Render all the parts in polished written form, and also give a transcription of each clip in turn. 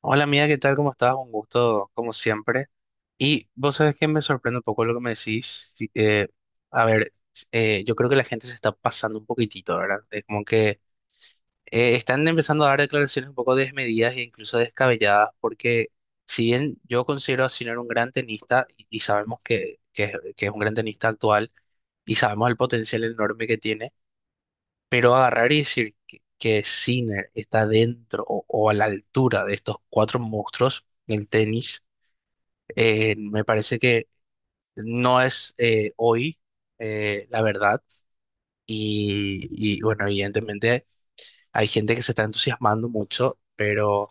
Hola amiga, ¿qué tal? ¿Cómo estás? Un gusto, como siempre. Y vos sabés que me sorprende un poco lo que me decís. Sí, a ver, yo creo que la gente se está pasando un poquitito, ¿verdad? Es como que están empezando a dar declaraciones un poco desmedidas e incluso descabelladas, porque si bien yo considero a Sinner un gran tenista, y sabemos que es que es un gran tenista actual, y sabemos el potencial enorme que tiene, pero agarrar y decir que Sinner está dentro o a la altura de estos cuatro monstruos del tenis. Me parece que no es hoy la verdad y, bueno, evidentemente hay gente que se está entusiasmando mucho, pero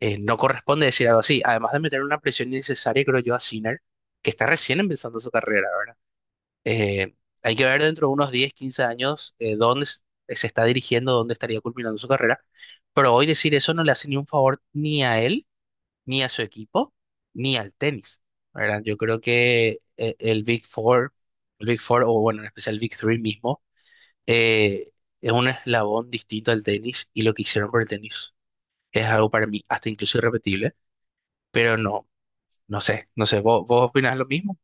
no corresponde decir algo así, además de meter una presión innecesaria, creo yo, a Sinner, que está recién empezando su carrera, ¿verdad? Eh, Hay que ver dentro de unos 10 15 años, dónde se está dirigiendo, dónde estaría culminando su carrera, pero hoy decir eso no le hace ni un favor ni a él, ni a su equipo, ni al tenis, ¿verdad? Yo creo que el Big Four, o bueno, en especial el Big Three mismo, eh, es un eslabón distinto al tenis, y lo que hicieron por el tenis es algo para mí hasta incluso irrepetible, pero no, no sé, ¿vos opinás lo mismo?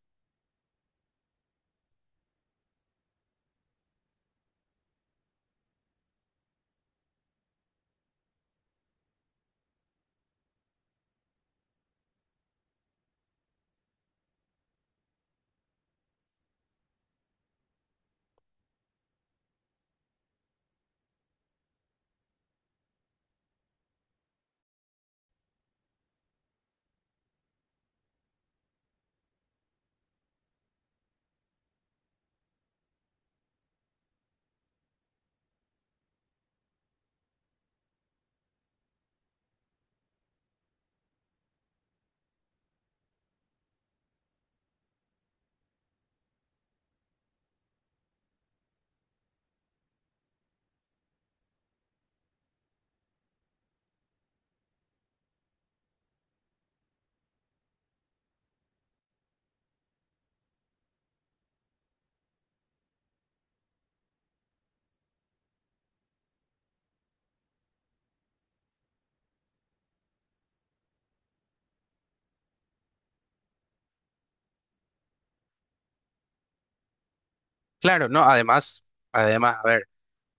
Claro, no, además, a ver,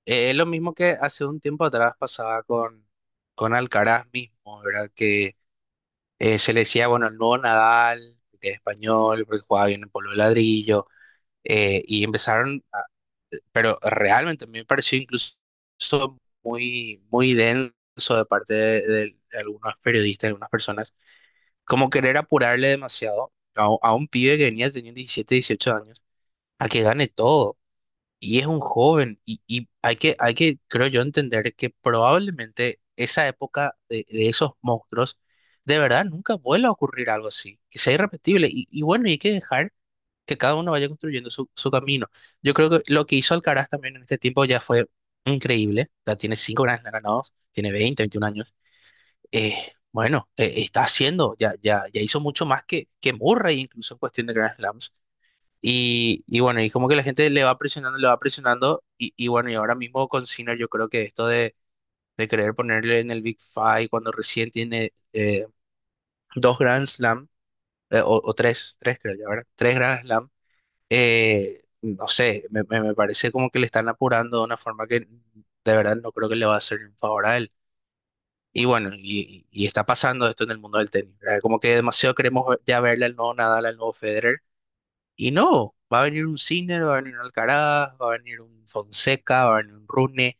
es lo mismo que hace un tiempo atrás pasaba con Alcaraz mismo, ¿verdad? Que se le decía, bueno, el nuevo Nadal, porque es español, porque jugaba bien en polvo de ladrillo, eh, y empezaron, a- pero realmente me pareció incluso muy, muy denso de parte de algunos periodistas, algunas personas, como querer apurarle demasiado a un pibe que venía teniendo 17-18 años, a que gane todo. Y es un joven, y hay que, creo yo, entender que probablemente esa época de esos monstruos, de verdad, nunca vuelva a ocurrir algo así, que sea irrepetible. Y bueno, y hay que dejar que cada uno vaya construyendo su camino. Yo creo que lo que hizo Alcaraz también en este tiempo ya fue increíble. Ya tiene cinco Grand Slam ganados, tiene 20-21 años. Eh, bueno, está haciendo, ya, ya, ya hizo mucho más que Murray incluso en cuestión de Grand Slams. Y bueno, y como que la gente le va presionando, le va presionando. Y bueno, y ahora mismo con Sinner yo creo que esto de querer ponerle en el Big Five cuando recién tiene dos Grand Slam, o tres creo ya, ¿verdad? Tres Grand Slam, no sé, me parece como que le están apurando de una forma que de verdad no creo que le va a hacer un favor a él. Y bueno, y está pasando esto en el mundo del tenis, ¿verdad? Como que demasiado queremos ya verle al nuevo Nadal, al nuevo Federer. Y no, va a venir un Sinner, va a venir un Alcaraz, va a venir un Fonseca, va a venir un Rune,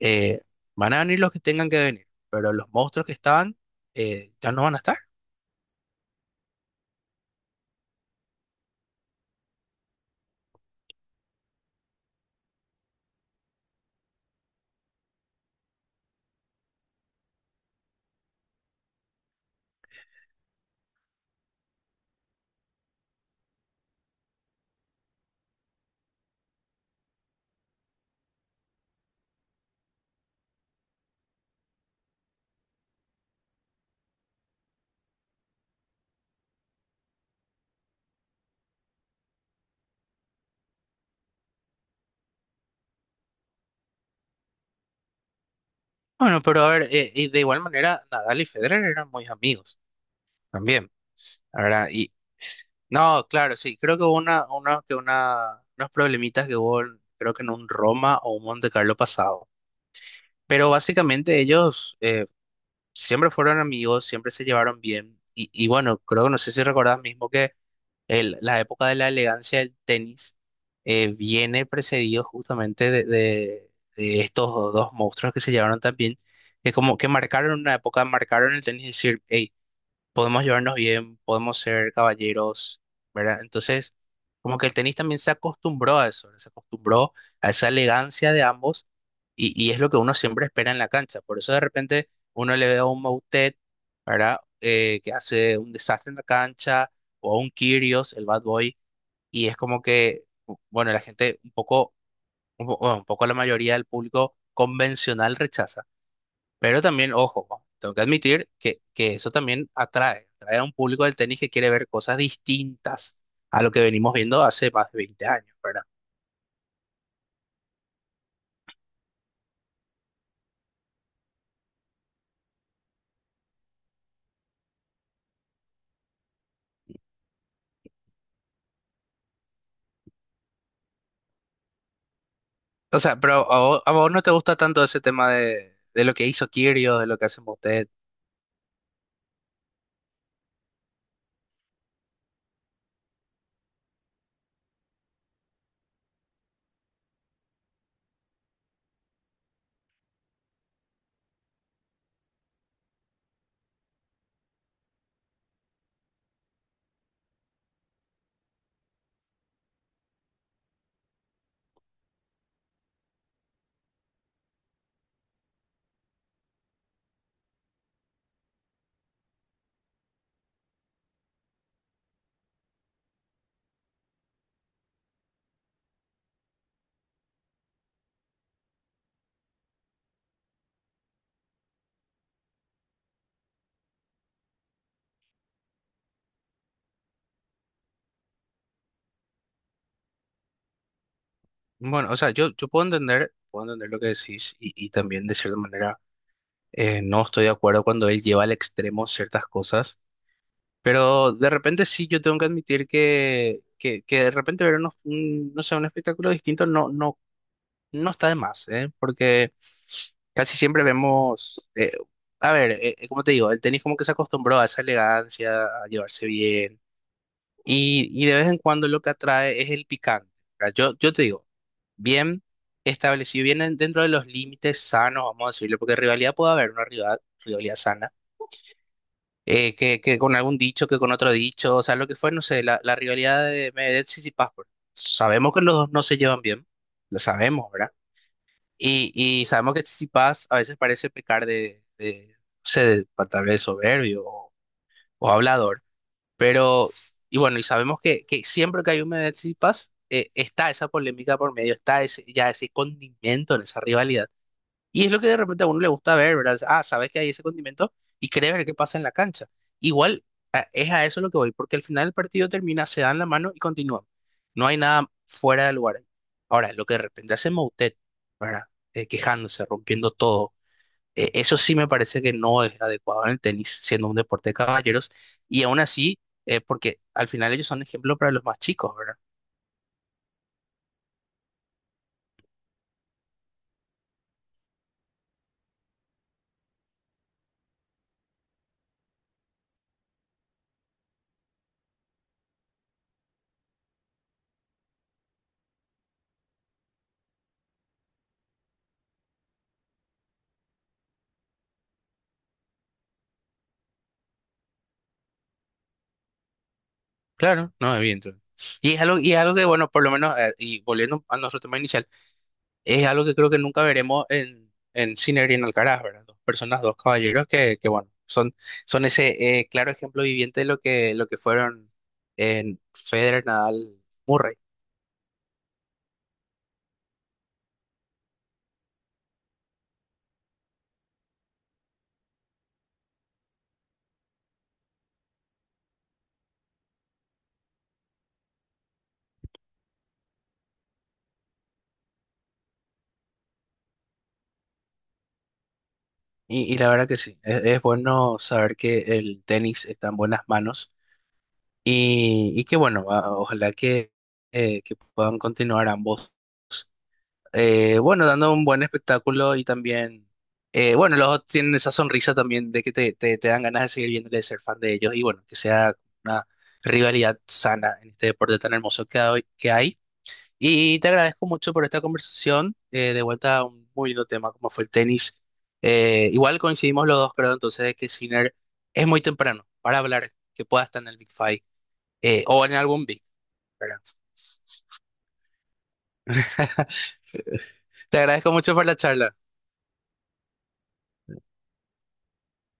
eh, van a venir los que tengan que venir, pero los monstruos que estaban ya no van a estar. Bueno, pero a ver, y de igual manera, Nadal y Federer eran muy amigos también. ¿Verdad? No, claro, sí. Creo que hubo unos problemitas que hubo, creo que en un Roma o un Monte Carlo pasado. Pero básicamente ellos siempre fueron amigos, siempre se llevaron bien. Y bueno, creo que no sé si recordás mismo que la época de la elegancia del tenis viene precedido justamente de estos dos monstruos que se llevaron tan bien, que como que marcaron una época, marcaron el tenis, y decir: hey, podemos llevarnos bien, podemos ser caballeros, ¿verdad? Entonces, como que el tenis también se acostumbró a eso, se acostumbró a esa elegancia de ambos, y es lo que uno siempre espera en la cancha. Por eso de repente uno le ve a un Moutet, ¿verdad? Que hace un desastre en la cancha, o a un Kyrgios, el bad boy. Y es como que, bueno, la gente un poco, un po- bueno, un poco la mayoría del público convencional rechaza. Pero también, ojo, tengo que admitir que eso también atrae, atrae a un público del tenis que quiere ver cosas distintas a lo que venimos viendo hace más de 20 años, ¿verdad? O sea, pero a vos no te gusta tanto ese tema de lo que hizo Kyrgios, de lo que hacen ustedes. Bueno, o sea, yo puedo entender lo que decís, y también de cierta manera no estoy de acuerdo cuando él lleva al extremo ciertas cosas, pero de repente sí, yo tengo que admitir que de repente ver no sé, un espectáculo distinto, no está de más, ¿eh? Porque casi siempre vemos, a ver, como te digo, el tenis como que se acostumbró a esa elegancia, a llevarse bien, y de vez en cuando lo que atrae es el picante, ¿verdad? Yo te digo: bien establecido, bien dentro de los límites sanos, vamos a decirlo, porque rivalidad puede haber, una rivalidad sana, que con algún dicho, que con otro dicho, o sea, lo que fue, no sé, la rivalidad de Medvedev y Tsitsipas. Sabemos que los dos no se llevan bien, lo sabemos, ¿verdad? Y sabemos que Tsitsipas a veces parece pecar de, no sé, tal vez soberbio o hablador, pero, y bueno, y sabemos que siempre que hay un meme de Tsitsipas, está esa polémica por medio, está ese, ya ese condimento en esa rivalidad. Y es lo que de repente a uno le gusta ver, ¿verdad? Ah, sabes que hay ese condimento y querés ver qué pasa en la cancha. Igual, es a eso lo que voy, porque al final el partido termina, se dan la mano y continúan. No hay nada fuera de lugar. Ahora, lo que de repente hace Moutet, ¿verdad? Quejándose, rompiendo todo, eso sí me parece que no es adecuado en el tenis, siendo un deporte de caballeros. Y aún así, porque al final ellos son ejemplo para los más chicos, ¿verdad? Claro, no, evidente. Y es algo que, bueno, por lo menos, y volviendo a nuestro tema inicial: es algo que creo que nunca veremos en Sinner y en Alcaraz, ¿verdad? Dos personas, dos caballeros que bueno, son ese claro ejemplo viviente de lo que fueron en Federer, Nadal, Murray. Y la verdad que sí, es bueno saber que el tenis está en buenas manos, y que bueno, ojalá que puedan continuar ambos, bueno, dando un buen espectáculo, y también, bueno, los dos tienen esa sonrisa también, de que te dan ganas de seguir viéndole, de ser fan de ellos. Y bueno, que sea una rivalidad sana en este deporte tan hermoso que hay. Y te agradezco mucho por esta conversación, de vuelta a un muy lindo tema como fue el tenis. Igual coincidimos los dos, creo, entonces, de que Sinner es muy temprano para hablar que pueda estar en el Big Five, o en algún Big, ¿verdad? Te agradezco mucho por la charla.